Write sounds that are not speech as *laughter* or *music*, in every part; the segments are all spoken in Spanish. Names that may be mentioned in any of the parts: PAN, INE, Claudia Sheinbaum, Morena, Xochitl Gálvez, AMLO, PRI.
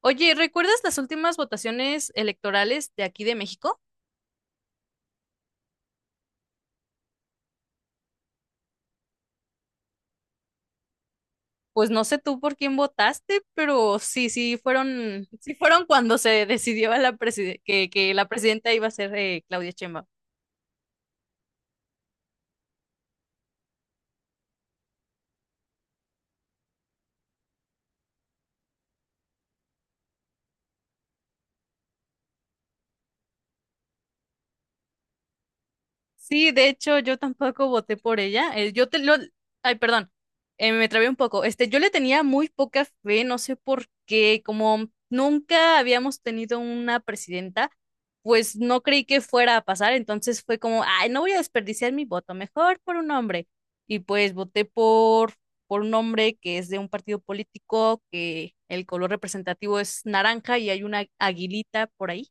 Oye, ¿recuerdas las últimas votaciones electorales de aquí de México? Pues no sé tú por quién votaste, pero sí, sí fueron cuando se decidió a la que la presidenta iba a ser Claudia Sheinbaum. Sí, de hecho, yo tampoco voté por ella. Yo te lo... Ay, perdón. Me trabé un poco. Yo le tenía muy poca fe, no sé por qué. Como nunca habíamos tenido una presidenta, pues no creí que fuera a pasar. Entonces fue como, ay, no voy a desperdiciar mi voto, mejor por un hombre. Y pues voté por un hombre que es de un partido político, que el color representativo es naranja y hay una aguilita por ahí.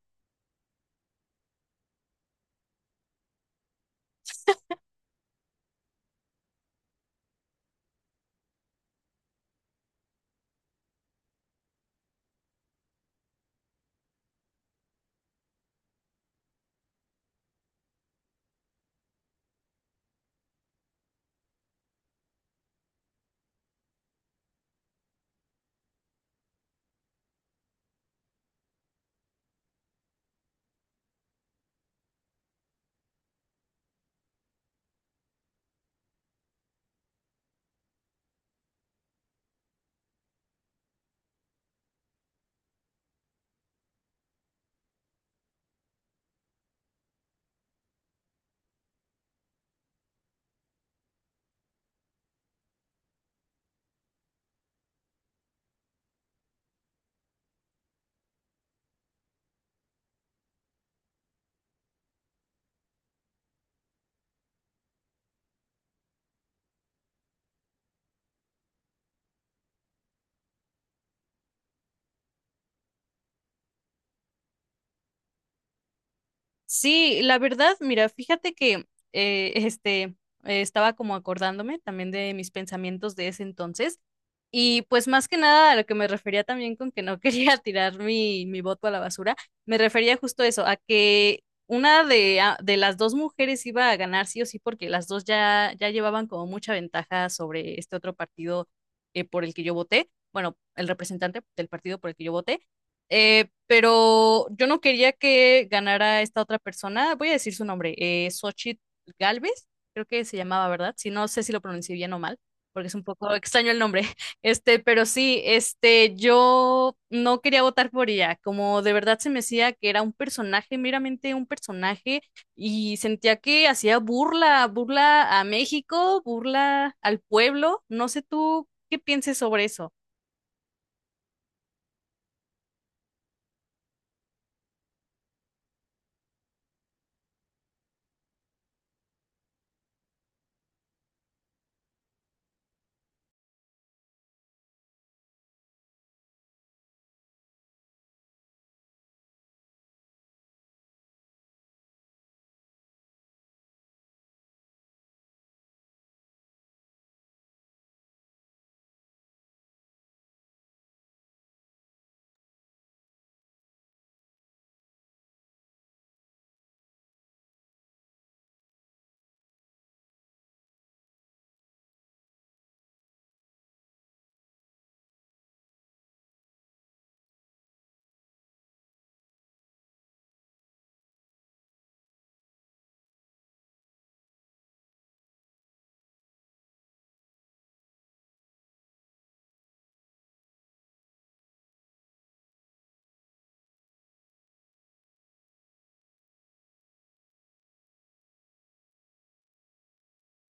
Sí, la verdad, mira, fíjate que eh, este estaba como acordándome también de mis pensamientos de ese entonces. Y pues más que nada a lo que me refería también con que no *laughs* quería tirar mi voto a la basura, me refería justo a eso, a que de las dos mujeres iba a ganar sí o sí, porque las dos ya llevaban como mucha ventaja sobre este otro partido por el que yo voté, bueno, el representante del partido por el que yo voté, pero yo no quería que ganara esta otra persona, voy a decir su nombre, Xochitl Gálvez, creo que se llamaba, ¿verdad? Si no sé si lo pronuncié bien o mal porque es un poco extraño el nombre. Pero sí, yo no quería votar por ella, como de verdad se me decía que era un personaje, meramente un personaje, y sentía que hacía burla, burla a México, burla al pueblo, no sé tú qué pienses sobre eso.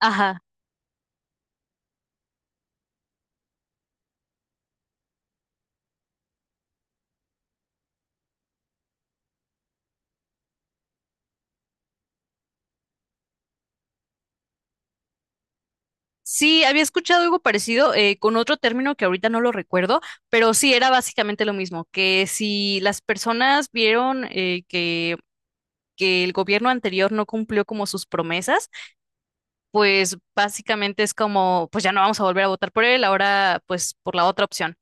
Ajá. Sí, había escuchado algo parecido con otro término que ahorita no lo recuerdo, pero sí era básicamente lo mismo, que si las personas vieron que el gobierno anterior no cumplió como sus promesas, pues básicamente es como, pues ya no vamos a volver a votar por él, ahora pues por la otra opción.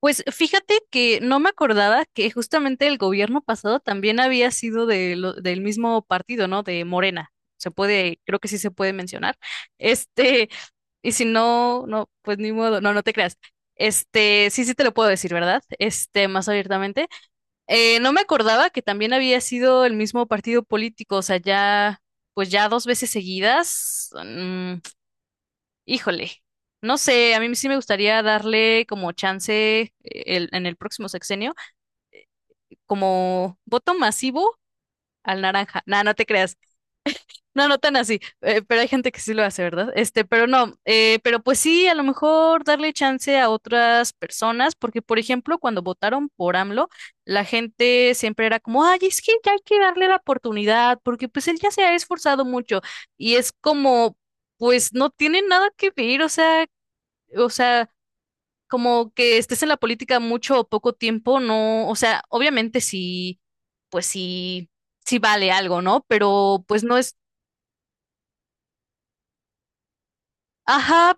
Pues fíjate que no me acordaba que justamente el gobierno pasado también había sido de del mismo partido, ¿no? De Morena. Se puede, creo que sí se puede mencionar. Este, y si no, no, pues ni modo, no, no te creas. Sí, sí te lo puedo decir, ¿verdad? Más abiertamente. No me acordaba que también había sido el mismo partido político, o sea, ya, pues ya dos veces seguidas. Híjole, no sé, a mí sí me gustaría darle como chance eh, en el próximo sexenio, como voto masivo al naranja. No, no te creas. No, no tan así, pero hay gente que sí lo hace, ¿verdad? Pero no, pero pues sí, a lo mejor darle chance a otras personas, porque por ejemplo, cuando votaron por AMLO, la gente siempre era como, ay, es que ya hay que darle la oportunidad, porque pues él ya se ha esforzado mucho, y es como, pues no tiene nada que ver, o sea. Como que estés en la política mucho o poco tiempo, no, o sea, obviamente sí, pues sí, sí vale algo, ¿no? Pero pues no es, ajá,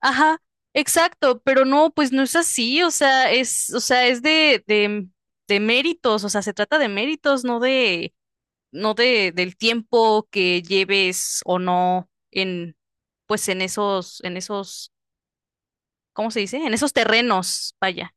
ajá, exacto, pero no, pues no es así, o sea, es de méritos, o sea, se trata de méritos, no de, del tiempo que lleves o no en, pues en esos, ¿cómo se dice? En esos terrenos, vaya,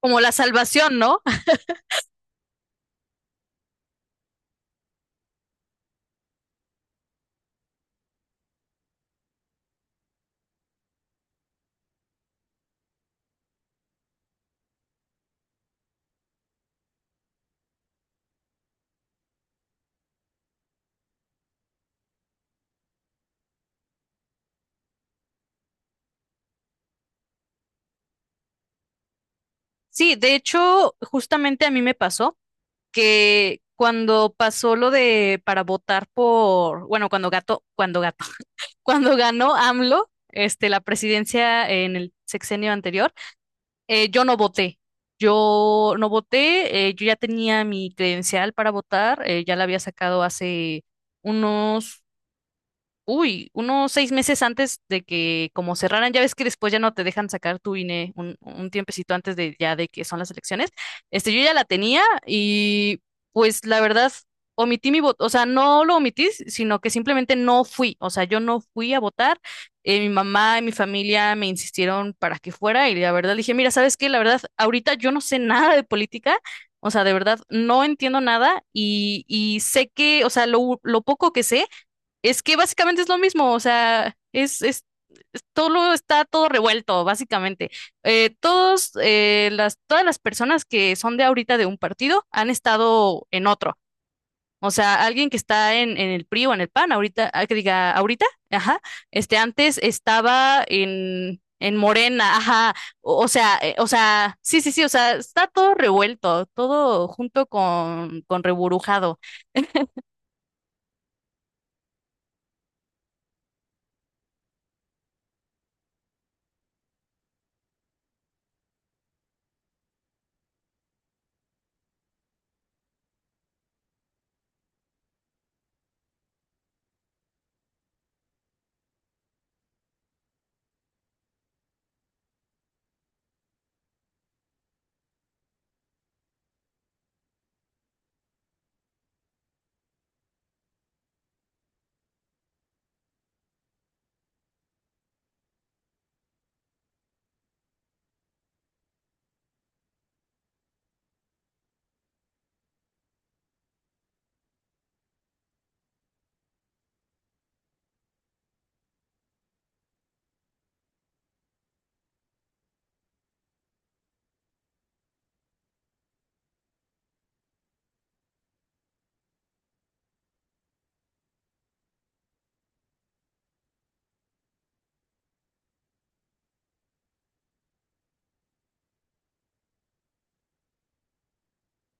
como la salvación, ¿no? Sí, de hecho, justamente a mí me pasó que cuando pasó lo de para votar por, bueno, cuando gato, *laughs* cuando ganó AMLO, la presidencia en el sexenio anterior, yo no voté. Yo no voté, yo ya tenía mi credencial para votar, ya la había sacado hace unos unos 6 meses antes de que como cerraran, ya ves que después ya no te dejan sacar tu INE un tiempecito antes de ya de que son las elecciones. Yo ya la tenía y pues la verdad omití mi voto, o sea, no lo omití, sino que simplemente no fui, o sea, yo no fui a votar. Mi mamá y mi familia me insistieron para que fuera y la verdad dije, mira, ¿sabes qué? La verdad, ahorita yo no sé nada de política. O sea, de verdad, no entiendo nada y sé que, o sea, lo poco que sé es que básicamente es lo mismo, o sea, es todo lo está todo revuelto, básicamente. Todas las personas que son de ahorita de un partido han estado en otro. O sea, alguien que está en el PRI o en el PAN, ahorita, ah, que diga ahorita, ajá, antes estaba en Morena, ajá, o sea, sí, sí, sí, o sea, está todo revuelto, todo junto con reburujado.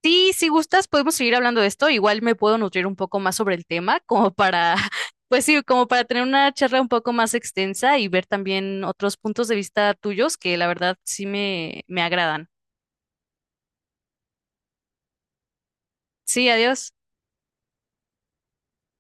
Sí, si gustas, podemos seguir hablando de esto. Igual me puedo nutrir un poco más sobre el tema, como para, *laughs* pues sí, como para tener una charla un poco más extensa y ver también otros puntos de vista tuyos que la verdad sí me agradan. Sí, adiós.